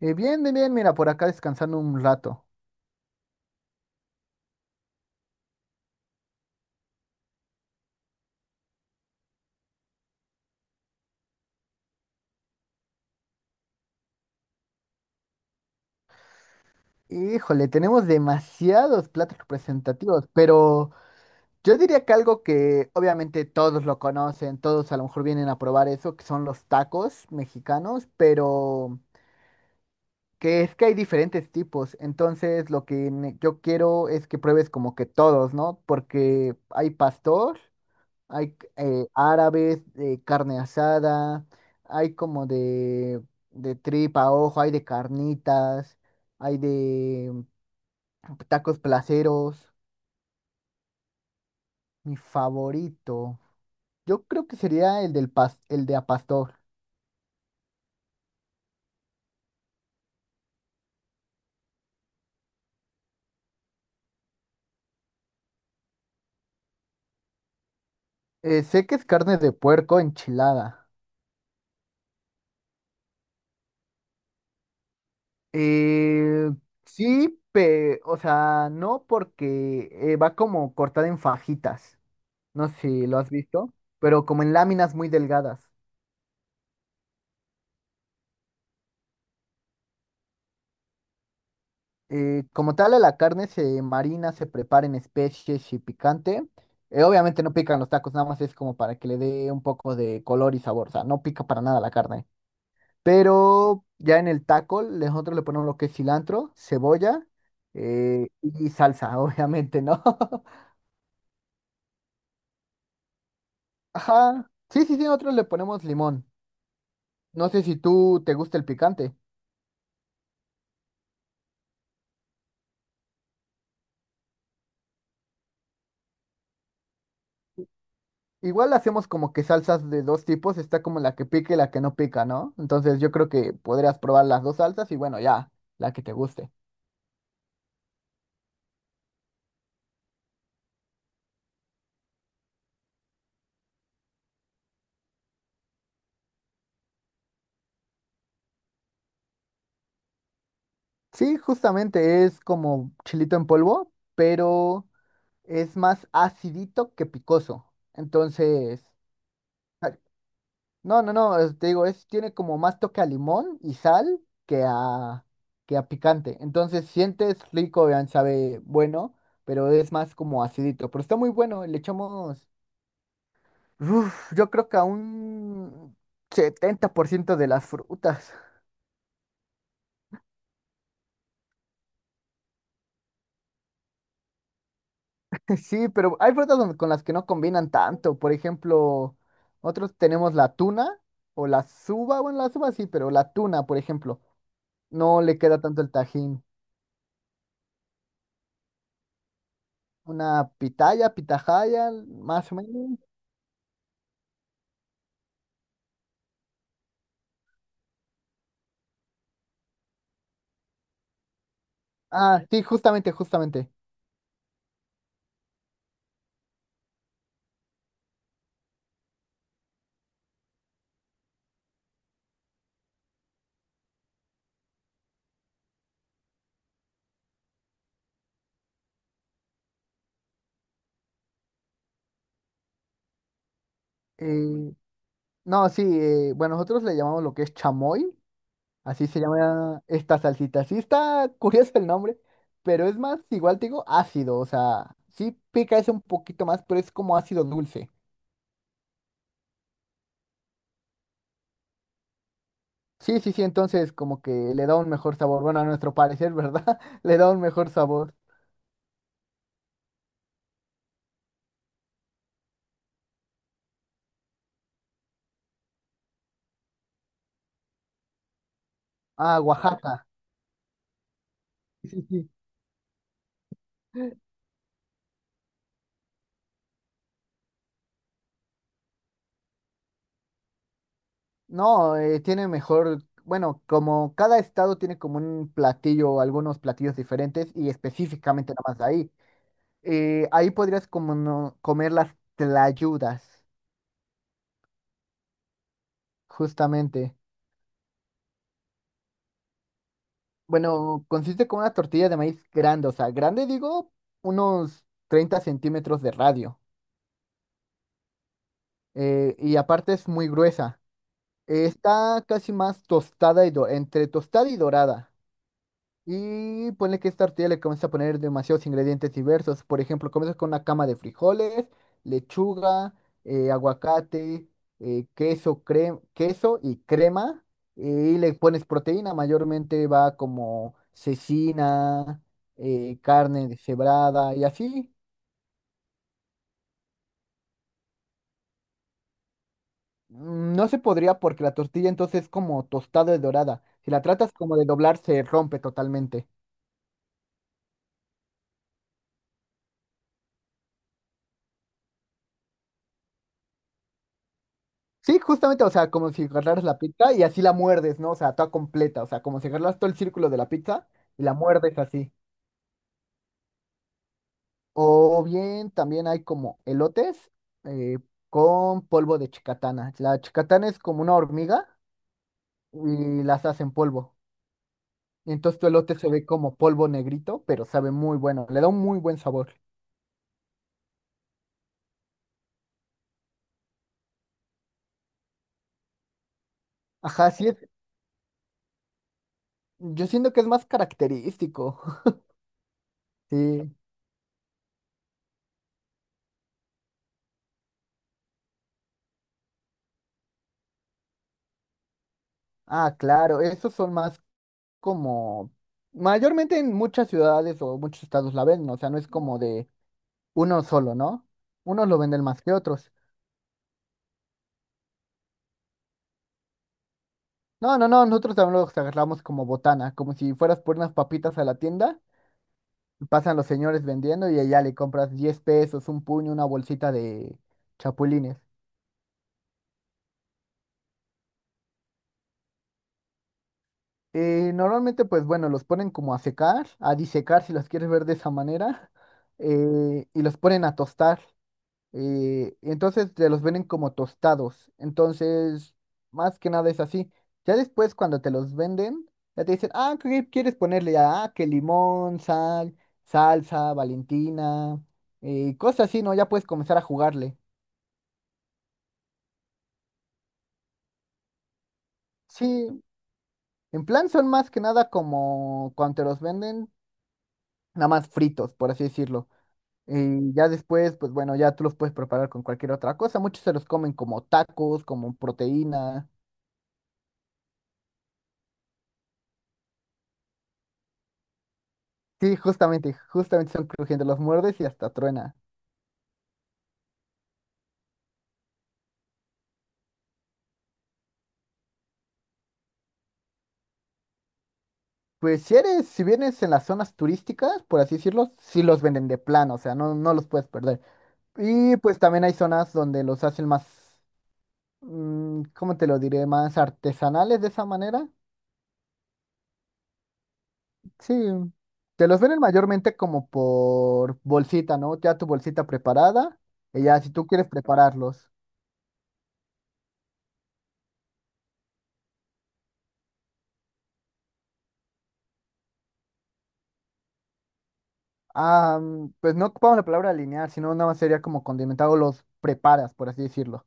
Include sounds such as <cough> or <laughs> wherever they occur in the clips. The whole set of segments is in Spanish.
Bien, bien, bien, mira, por acá descansando un rato. Híjole, tenemos demasiados platos representativos, pero yo diría que algo que obviamente todos lo conocen, todos a lo mejor vienen a probar eso, que son los tacos mexicanos, pero que es que hay diferentes tipos. Entonces, lo que yo quiero es que pruebes como que todos, ¿no? Porque hay pastor. Hay árabes, de carne asada, hay como de tripa a ojo, hay de carnitas, hay de tacos placeros. Mi favorito, yo creo que sería el de a pastor. Sé que es carne de puerco enchilada. Eh, sí, o sea, no porque va como cortada en fajitas. No sé si lo has visto, pero como en láminas muy delgadas. Como tal, a la carne se marina, se prepara en especies y picante. Obviamente no pican los tacos, nada más es como para que le dé un poco de color y sabor. O sea, no pica para nada la carne. Pero ya en el taco, nosotros le ponemos lo que es cilantro, cebolla y salsa, <laughs> obviamente, ¿no? <laughs> Ajá. Sí, sí, sí, nosotros le ponemos limón. No sé si tú te gusta el picante. Igual hacemos como que salsas de dos tipos, está como la que pica y la que no pica, ¿no? Entonces yo creo que podrías probar las dos salsas y bueno, ya, la que te guste. Sí, justamente es como chilito en polvo, pero es más acidito que picoso. Entonces, ay, no, no, no, te digo, es, tiene como más toque a limón y sal que a, que a picante. Entonces sientes rico, vean, sabe bueno, pero es más como acidito. Pero está muy bueno, le echamos... Uf, yo creo que a un 70% de las frutas. <laughs> Sí, pero hay frutas con las que no combinan tanto. Por ejemplo, nosotros tenemos la tuna o la suba. Bueno, la suba sí, pero la tuna, por ejemplo, no le queda tanto el tajín. Una pitaya, pitahaya, más o menos. Ah, sí, justamente, justamente. Eh, no, sí, bueno, nosotros le llamamos lo que es chamoy. Así se llama esta salsita. Sí está curioso el nombre, pero es más, igual te digo, ácido. O sea, sí pica ese un poquito más, pero es como ácido dulce. Sí, sí, sí, entonces como que le da un mejor sabor. Bueno, a nuestro parecer, ¿verdad? <laughs> Le da un mejor sabor. Ah, Oaxaca. Sí, sí, sí. No, tiene mejor, bueno, como cada estado tiene como un platillo, o algunos platillos diferentes y específicamente nada más de ahí. Ahí podrías como comer las tlayudas, justamente. Bueno, consiste con una tortilla de maíz grande, o sea, grande digo, unos 30 centímetros de radio. Y aparte es muy gruesa. Está casi más tostada y entre tostada y dorada. Y ponle que esta tortilla le comienza a poner demasiados ingredientes diversos. Por ejemplo, comienza con una cama de frijoles, lechuga, aguacate, queso, queso y crema. Y le pones proteína, mayormente va como cecina, carne deshebrada y así. No se podría porque la tortilla entonces es como tostada y dorada. Si la tratas como de doblar, se rompe totalmente. Sí, justamente, o sea, como si agarraras la pizza y así la muerdes, ¿no? O sea, toda completa, o sea, como si agarras todo el círculo de la pizza y la muerdes así. O bien también hay como elotes eh, con polvo de chicatana. La chicatana es como una hormiga y las hacen polvo. Y entonces tu elote se ve como polvo negrito, pero sabe muy bueno, le da un muy buen sabor. Ajá, sí, yo siento que es más característico. <laughs> Sí. Ah, claro, esos son más como, mayormente en muchas ciudades o muchos estados la venden, o sea, no es como de uno solo, ¿no? Unos lo venden más que otros. No, no, no, nosotros también los agarramos como botana, como si fueras por unas papitas a la tienda, y pasan los señores vendiendo y allá le compras 10 pesos, un puño, una bolsita de chapulines. Normalmente, pues bueno, los ponen como a secar, a disecar si los quieres ver de esa manera, y los ponen a tostar. Y entonces te los venden como tostados. Entonces, más que nada es así. Ya después cuando te los venden, ya te dicen, ah, ¿qué quieres ponerle? Ah, que limón, sal, salsa, Valentina, y cosas así, ¿no? Ya puedes comenzar a jugarle. Sí, en plan son más que nada como cuando te los venden, nada más fritos, por así decirlo. Y ya después, pues bueno, ya tú los puedes preparar con cualquier otra cosa. Muchos se los comen como tacos, como proteína. Sí, justamente, justamente son crujientes, los muerdes y hasta truena. Pues si eres, si vienes en las zonas turísticas, por así decirlo, sí los venden de plano, o sea, no, no los puedes perder. Y pues también hay zonas donde los hacen más, ¿cómo te lo diré? Más artesanales de esa manera. Sí, te los venden mayormente como por bolsita, ¿no? Ya tu bolsita preparada, y ya si tú quieres prepararlos. Ah, pues no ocupamos la palabra alinear, sino nada más sería como condimentado, los preparas, por así decirlo.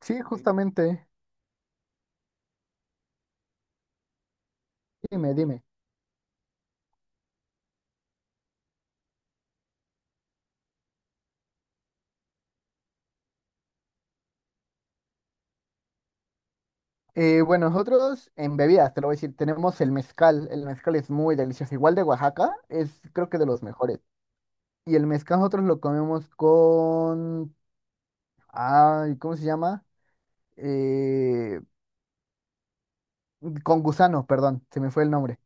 Sí, justamente. Dime, dime. Bueno, nosotros en bebidas, te lo voy a decir, tenemos el mezcal. El mezcal es muy delicioso. Igual de Oaxaca, es creo que de los mejores. Y el mezcal nosotros lo comemos con... Ay, ¿cómo se llama? Eh, con gusano, perdón, se me fue el nombre.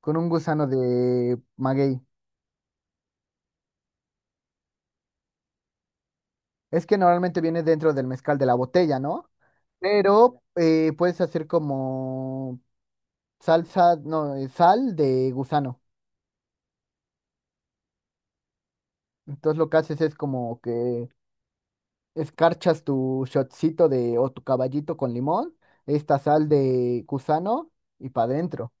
Con un gusano de maguey. Es que normalmente viene dentro del mezcal de la botella, ¿no? Pero puedes hacer como salsa, no, sal de gusano. Entonces lo que haces es como que escarchas tu shotcito de o tu caballito con limón, esta sal de gusano y para adentro.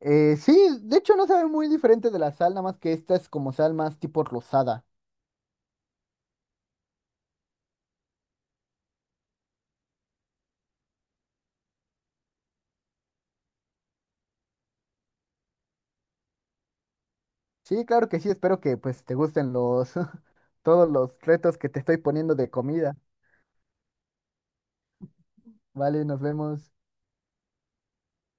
Sí, de hecho no sabe muy diferente de la sal, nada más que esta es como sal más tipo rosada. Sí, claro que sí, espero que pues te gusten los <laughs> todos los retos que te estoy poniendo de comida. Vale, nos vemos.